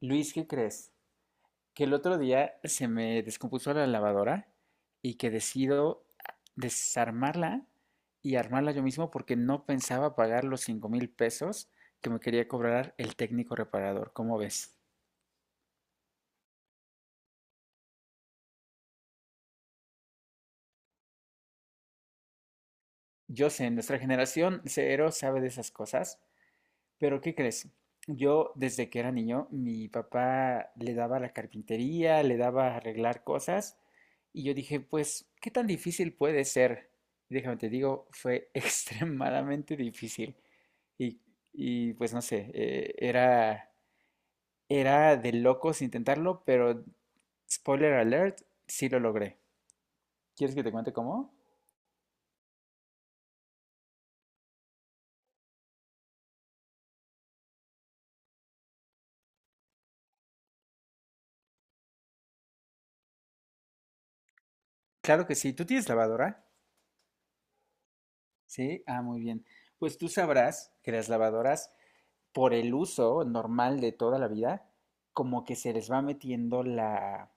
Luis, ¿qué crees? Que el otro día se me descompuso la lavadora y que decido desarmarla y armarla yo mismo porque no pensaba pagar los 5000 pesos que me quería cobrar el técnico reparador. ¿Cómo ves? Yo sé, nuestra generación cero sabe de esas cosas, pero ¿qué crees? Yo desde que era niño, mi papá le daba a la carpintería, le daba a arreglar cosas y yo dije, pues, ¿qué tan difícil puede ser? Y déjame te digo, fue extremadamente difícil y, y, pues no sé, era de locos intentarlo, pero spoiler alert, sí lo logré. ¿Quieres que te cuente cómo? Claro que sí, ¿tú tienes lavadora? Sí, ah, muy bien. Pues tú sabrás que las lavadoras por el uso normal de toda la vida, como que se les va metiendo la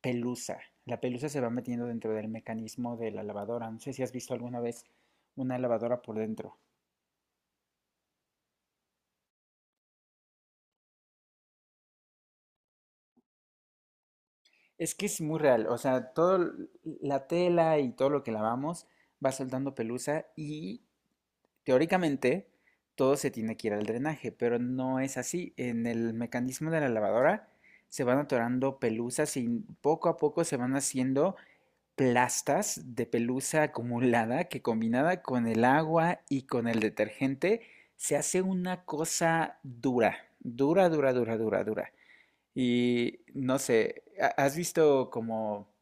pelusa. La pelusa se va metiendo dentro del mecanismo de la lavadora. No sé si has visto alguna vez una lavadora por dentro. Es que es muy real, o sea, toda la tela y todo lo que lavamos va soltando pelusa y teóricamente todo se tiene que ir al drenaje, pero no es así. En el mecanismo de la lavadora se van atorando pelusas y poco a poco se van haciendo plastas de pelusa acumulada que combinada con el agua y con el detergente se hace una cosa dura, dura, dura, dura, dura, dura. Y no sé, ¿has visto como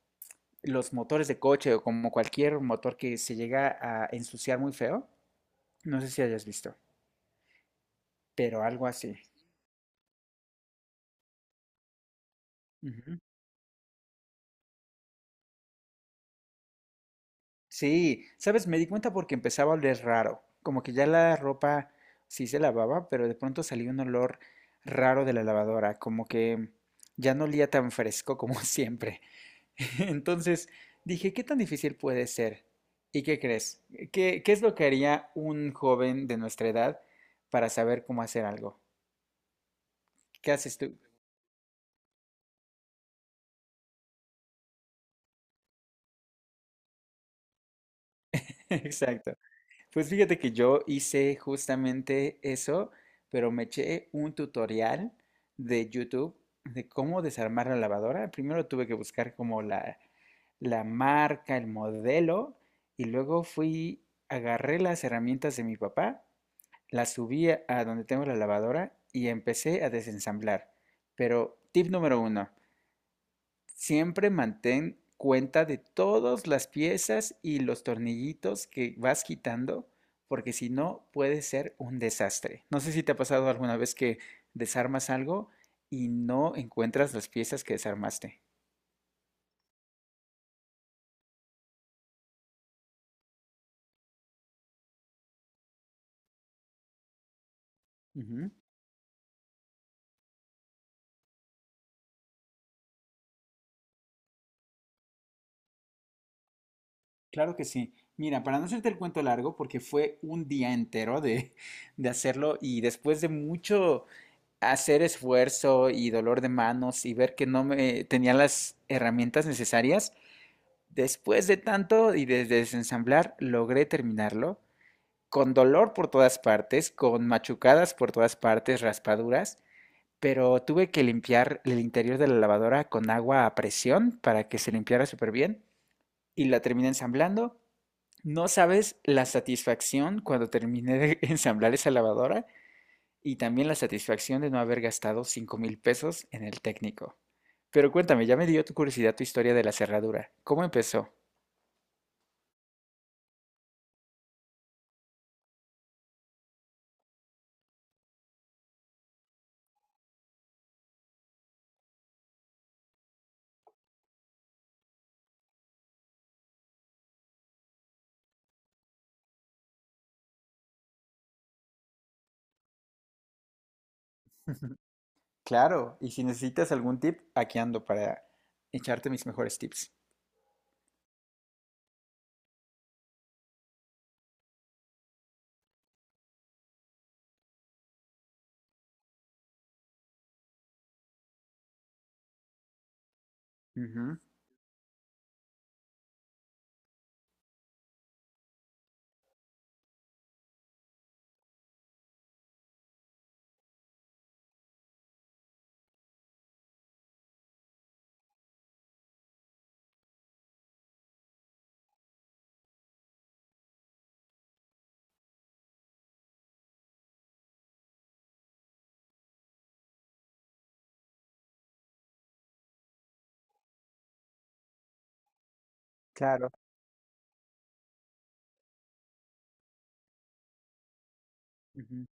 los motores de coche o como cualquier motor que se llega a ensuciar muy feo? No sé si hayas visto, pero algo así. Sí, sabes, me di cuenta porque empezaba a oler raro, como que ya la ropa sí se lavaba, pero de pronto salía un olor raro de la lavadora, como que ya no olía tan fresco como siempre. Entonces dije, ¿qué tan difícil puede ser? ¿Y qué crees? ¿Qué es lo que haría un joven de nuestra edad para saber cómo hacer algo? ¿Qué haces tú? Exacto. Pues fíjate que yo hice justamente eso, pero me eché un tutorial de YouTube de cómo desarmar la lavadora. Primero tuve que buscar como la marca, el modelo, y luego fui, agarré las herramientas de mi papá, las subí a donde tengo la lavadora y empecé a desensamblar. Pero tip número uno, siempre mantén cuenta de todas las piezas y los tornillitos que vas quitando, porque si no puede ser un desastre. No sé si te ha pasado alguna vez que desarmas algo y no encuentras las piezas que desarmaste. Ujú. Claro que sí. Mira, para no hacerte el cuento largo, porque fue un día entero de hacerlo y después de mucho hacer esfuerzo y dolor de manos y ver que no me tenía las herramientas necesarias, después de tanto y de desensamblar, logré terminarlo, con dolor por todas partes, con machucadas por todas partes, raspaduras, pero tuve que limpiar el interior de la lavadora con agua a presión para que se limpiara súper bien y la terminé ensamblando. No sabes la satisfacción cuando terminé de ensamblar esa lavadora y también la satisfacción de no haber gastado 5000 pesos en el técnico. Pero cuéntame, ya me dio tu curiosidad tu historia de la cerradura. ¿Cómo empezó? Claro, y si necesitas algún tip, aquí ando para echarte mis mejores tips. Ujú, claro. Ujú.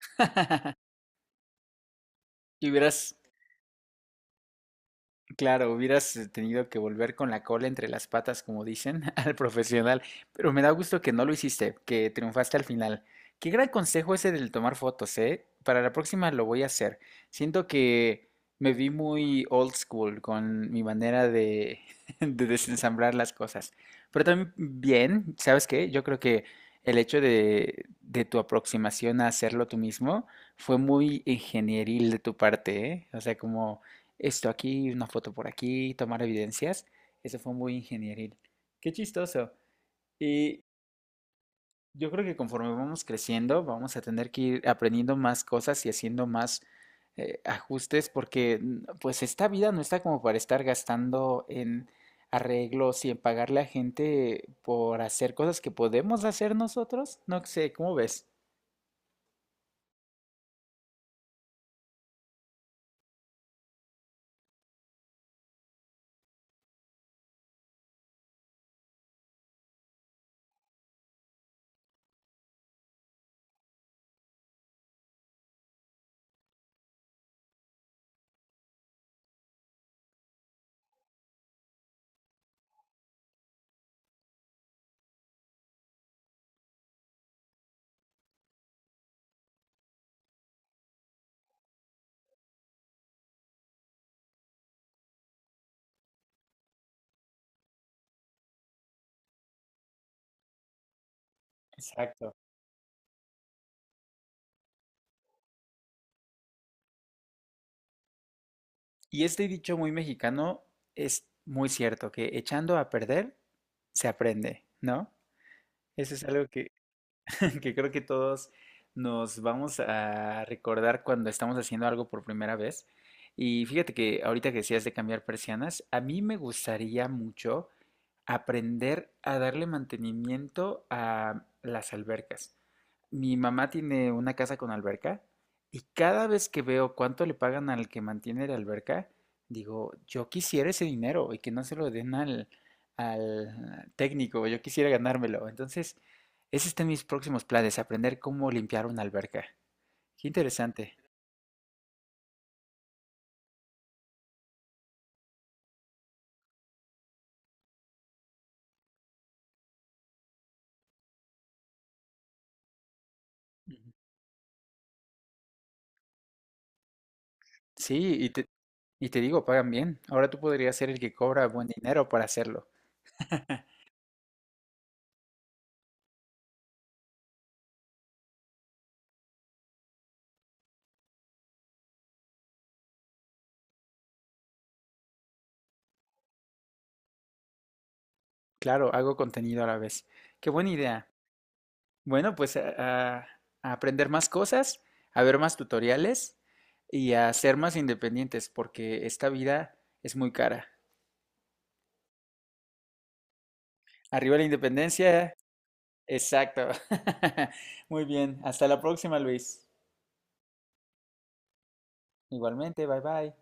Y hubieras Claro, hubieras tenido que volver con la cola entre las patas, como dicen, al profesional, pero me da gusto que no lo hiciste, que triunfaste al final. Qué gran consejo ese del tomar fotos, ¿eh? Para la próxima lo voy a hacer. Siento que me vi muy old school con mi manera de desensamblar las cosas. Pero también bien, ¿sabes qué? Yo creo que el hecho de tu aproximación a hacerlo tú mismo fue muy ingenieril de tu parte, ¿eh? O sea, como esto aquí, una foto por aquí, tomar evidencias. Eso fue muy ingenieril. Qué chistoso. Y yo creo que conforme vamos creciendo, vamos a tener que ir aprendiendo más cosas y haciendo más ajustes porque pues esta vida no está como para estar gastando en arreglos y en pagarle a gente por hacer cosas que podemos hacer nosotros. No sé, ¿cómo ves? Exacto. Y este dicho muy mexicano es muy cierto, que echando a perder se aprende, ¿no? Eso es algo que creo que todos nos vamos a recordar cuando estamos haciendo algo por primera vez. Y fíjate que ahorita que decías de cambiar persianas, a mí me gustaría mucho aprender a darle mantenimiento a las albercas. Mi mamá tiene una casa con alberca y cada vez que veo cuánto le pagan al que mantiene la alberca, digo, yo quisiera ese dinero y que no se lo den al técnico, yo quisiera ganármelo. Entonces, ese está en mis próximos planes, aprender cómo limpiar una alberca. Qué interesante. Sí, y te, y te digo, pagan bien. Ahora tú podrías ser el que cobra buen dinero para hacerlo. Claro, hago contenido a la vez. Qué buena idea. Bueno, pues a- a aprender más cosas, a ver más tutoriales y a ser más independientes, porque esta vida es muy cara. Arriba la independencia. Exacto. Muy bien. Hasta la próxima, Luis. Igualmente, bye bye.